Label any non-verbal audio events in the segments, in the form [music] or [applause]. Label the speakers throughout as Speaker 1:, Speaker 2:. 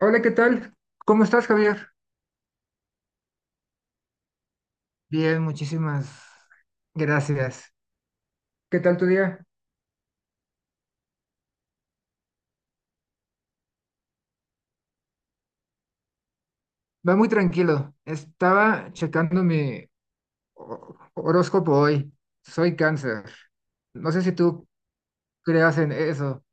Speaker 1: Hola, ¿qué tal? ¿Cómo estás, Javier? Bien, muchísimas gracias. ¿Qué tal tu día? Va muy tranquilo. Estaba checando mi horóscopo hoy. Soy cáncer. No sé si tú creas en eso.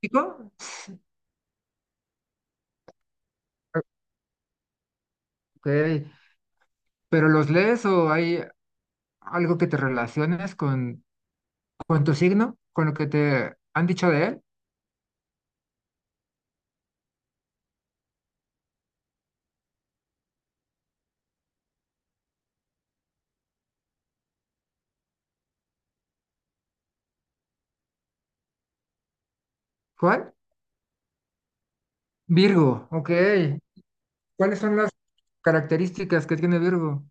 Speaker 1: ¿Chico? Ok, pero ¿los lees o hay algo que te relaciones con tu signo? ¿Con lo que te han dicho de él? ¿Cuál? Virgo, ok. ¿Cuáles son las características que tiene Virgo?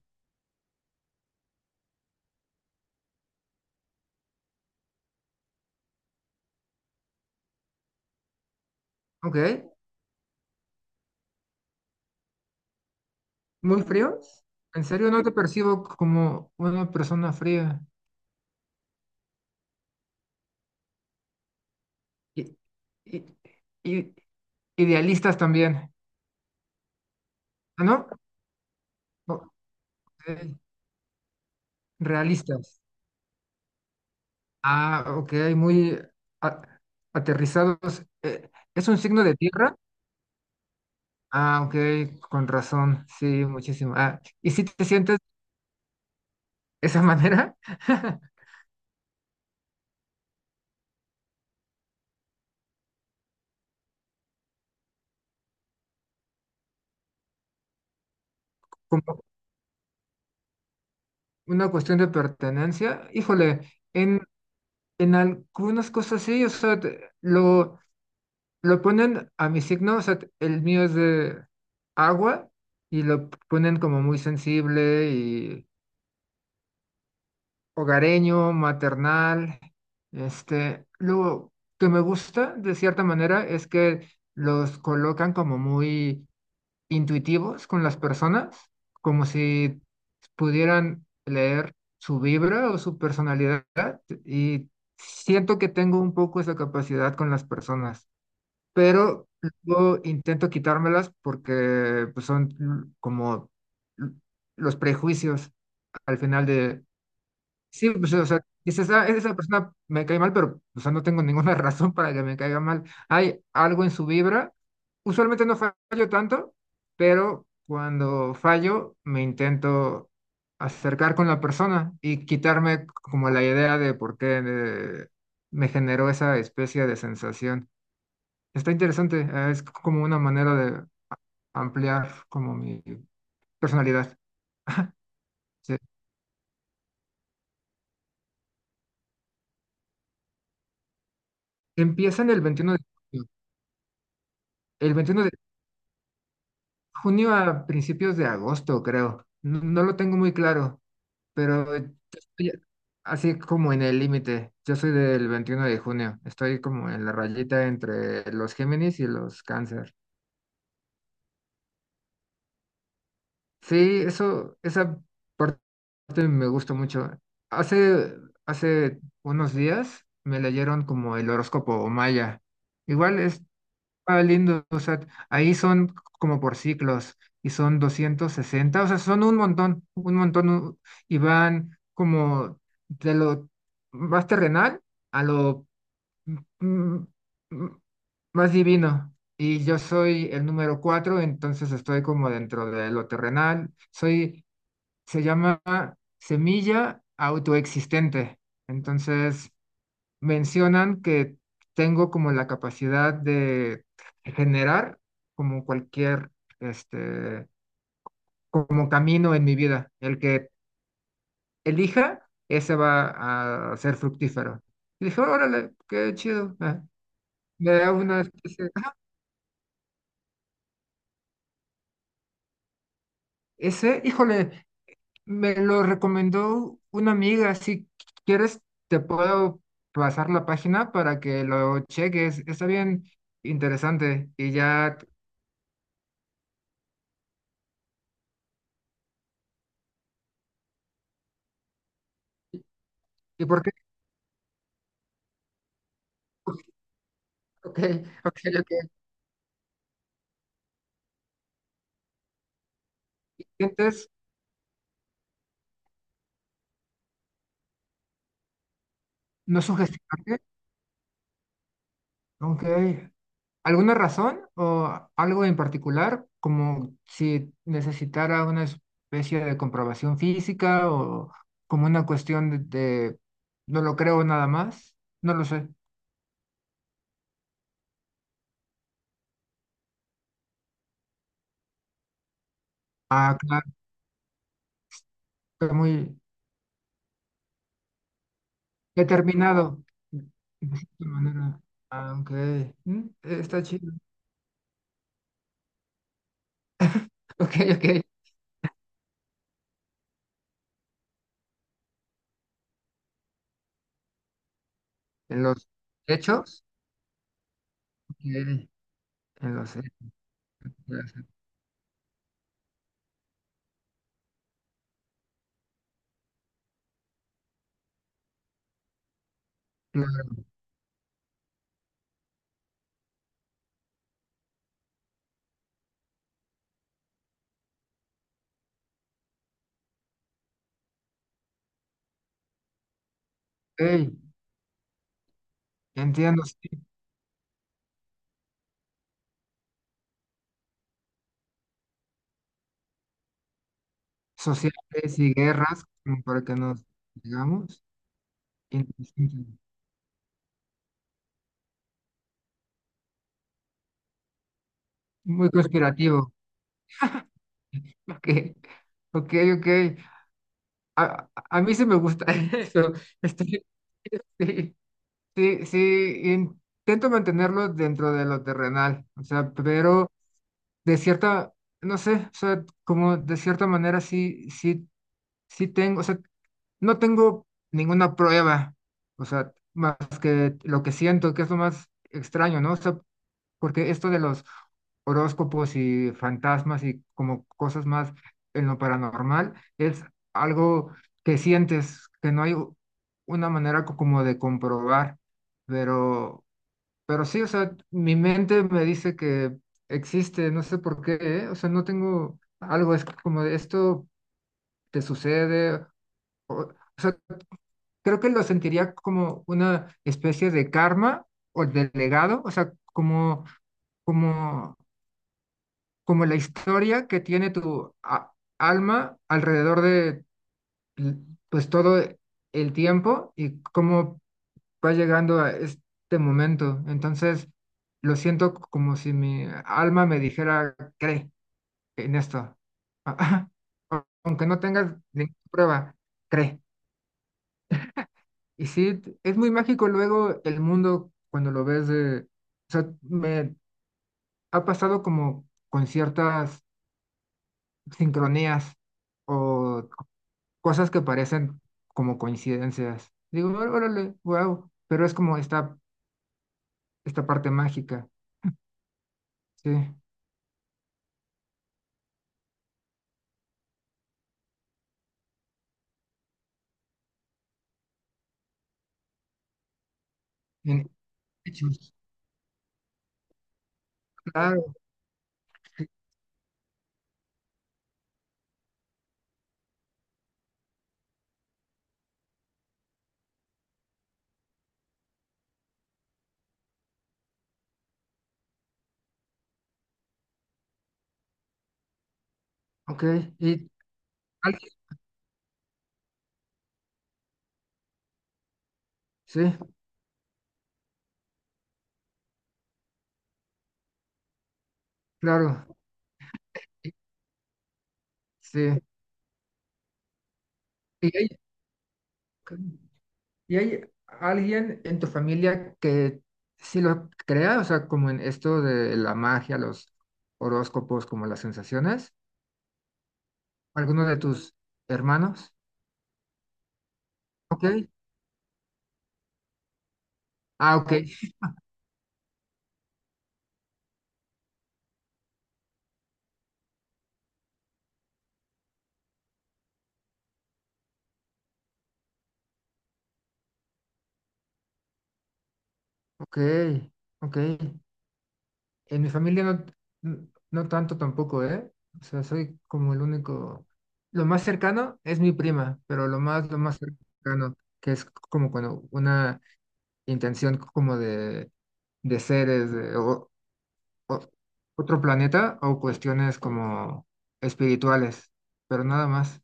Speaker 1: Ok. ¿Muy fríos? En serio, no te percibo como una persona fría. y y y idealistas también. ¿Ah, no? Ok, realistas. Ah, ok, muy a- aterrizados. ¿Es un signo de tierra? Ah, ok, con razón. Sí, muchísimo. Ah, ¿y si te sientes de esa manera? [laughs] Como una cuestión de pertenencia. Híjole, en, en algunas cosas sí, o sea, lo ponen a mi signo, o sea, el mío es de agua y lo ponen como muy sensible y hogareño, maternal. Lo que me gusta de cierta manera es que los colocan como muy intuitivos con las personas, como si pudieran leer su vibra o su personalidad y siento que tengo un poco esa capacidad con las personas, pero luego intento quitármelas porque, pues, son como l- los prejuicios al final de, sí, pues, o sea, dices, "Ah, esa persona me cae mal, pero, o sea, no tengo ninguna [laughs] razón para que me caiga mal. Hay algo en su vibra." Usualmente no fallo tanto, pero cuando fallo me intento acercar con la persona y quitarme como la idea de por qué me generó esa especie de sensación. Está interesante, es como una manera de ampliar como mi personalidad. [laughs] Sí. Empieza en el 21 de junio, el veintiuno de junio a principios de agosto, creo. No, no lo tengo muy claro, pero yo estoy así como en el límite. Yo soy del 21 de junio, estoy como en la rayita entre los Géminis y los Cáncer. Sí, eso, esa parte me gusta mucho. Hace, hace unos días me leyeron como el horóscopo maya. Igual está lindo, o sea, ahí son como por ciclos y son 260, o sea, son un montón, y van como de lo más terrenal a lo mm, mm, más divino. Y yo soy el número 4, entonces estoy como dentro de lo terrenal. Se llama semilla autoexistente. Entonces, mencionan que tengo como la capacidad de generar como cualquier, este, como camino en mi vida. El que elija, ese va a ser fructífero. Y dije, órale, qué chido. Me da una especie Ese, híjole, me lo recomendó una amiga. Si quieres, te puedo pasar la página para que lo cheques. Está bien interesante. Y ya, ¿y por qué? [laughs] Ok, ok, ok. ¿Sientes no sugestionarte? Ok. ¿Alguna razón o algo en particular? Como si necesitara una especie de comprobación física o como una cuestión de no lo creo nada más. No lo sé. Ah, está muy determinado de cierta manera, aunque está chido. [laughs] Ok, ok. En los hechos, ok, en los hechos. Claro, ok, entiendo, sí. Sociales y guerras, como para que nos digamos. Interesante. Muy conspirativo. [laughs] Ok, ok, ok. A mí sí me gusta [laughs] eso. Estoy, [laughs] sí. Sí, sí, intento mantenerlo dentro de lo terrenal, o sea, pero de cierta, no sé, o sea, como de cierta manera sí, sí, sí tengo, o sea, no tengo ninguna prueba, o sea, más que lo que siento, que es lo más extraño, ¿no? O sea, porque esto de los horóscopos y fantasmas y como cosas más en lo paranormal, es algo que sientes, que no hay una manera como de comprobar, pero pero sí, o sea, mi mente me dice que existe, no sé por qué, ¿eh? O sea, no tengo algo, es como de esto te sucede, o sea, creo que lo sentiría como una especie de karma o de legado, o sea, como, como la historia que tiene tu alma alrededor de, l- pues, todo el tiempo y como va llegando a este momento. Entonces, lo siento como si mi alma me dijera, cree en esto. [laughs] Aunque no tengas ninguna prueba, cree. Y sí, es muy mágico luego el mundo cuando lo ves de... O sea, me ha pasado como con ciertas sincronías o cosas que parecen como coincidencias. Digo, Órale, wow, pero es como esta parte mágica, sí." En, hechos, claro, sí, ok. Y alguien, sí, claro, y- sí. ¿Y hay, y hay alguien en tu familia que sí lo crea? O sea, como en esto de la magia, los horóscopos, como las sensaciones. ¿Alguno de tus hermanos? Ok. Ah, ok, ok, ok. En mi familia no, no tanto tampoco, ¿eh? O sea, soy como el único. Lo más cercano es mi prima, pero lo más cercano, que es como cuando una intención como de seres de o- otro planeta o cuestiones como espirituales, pero nada más.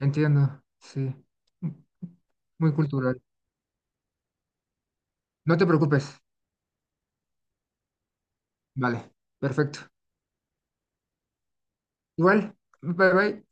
Speaker 1: Entiendo, sí. M- Muy cultural. No te preocupes. Vale, perfecto. Igual, bye bye.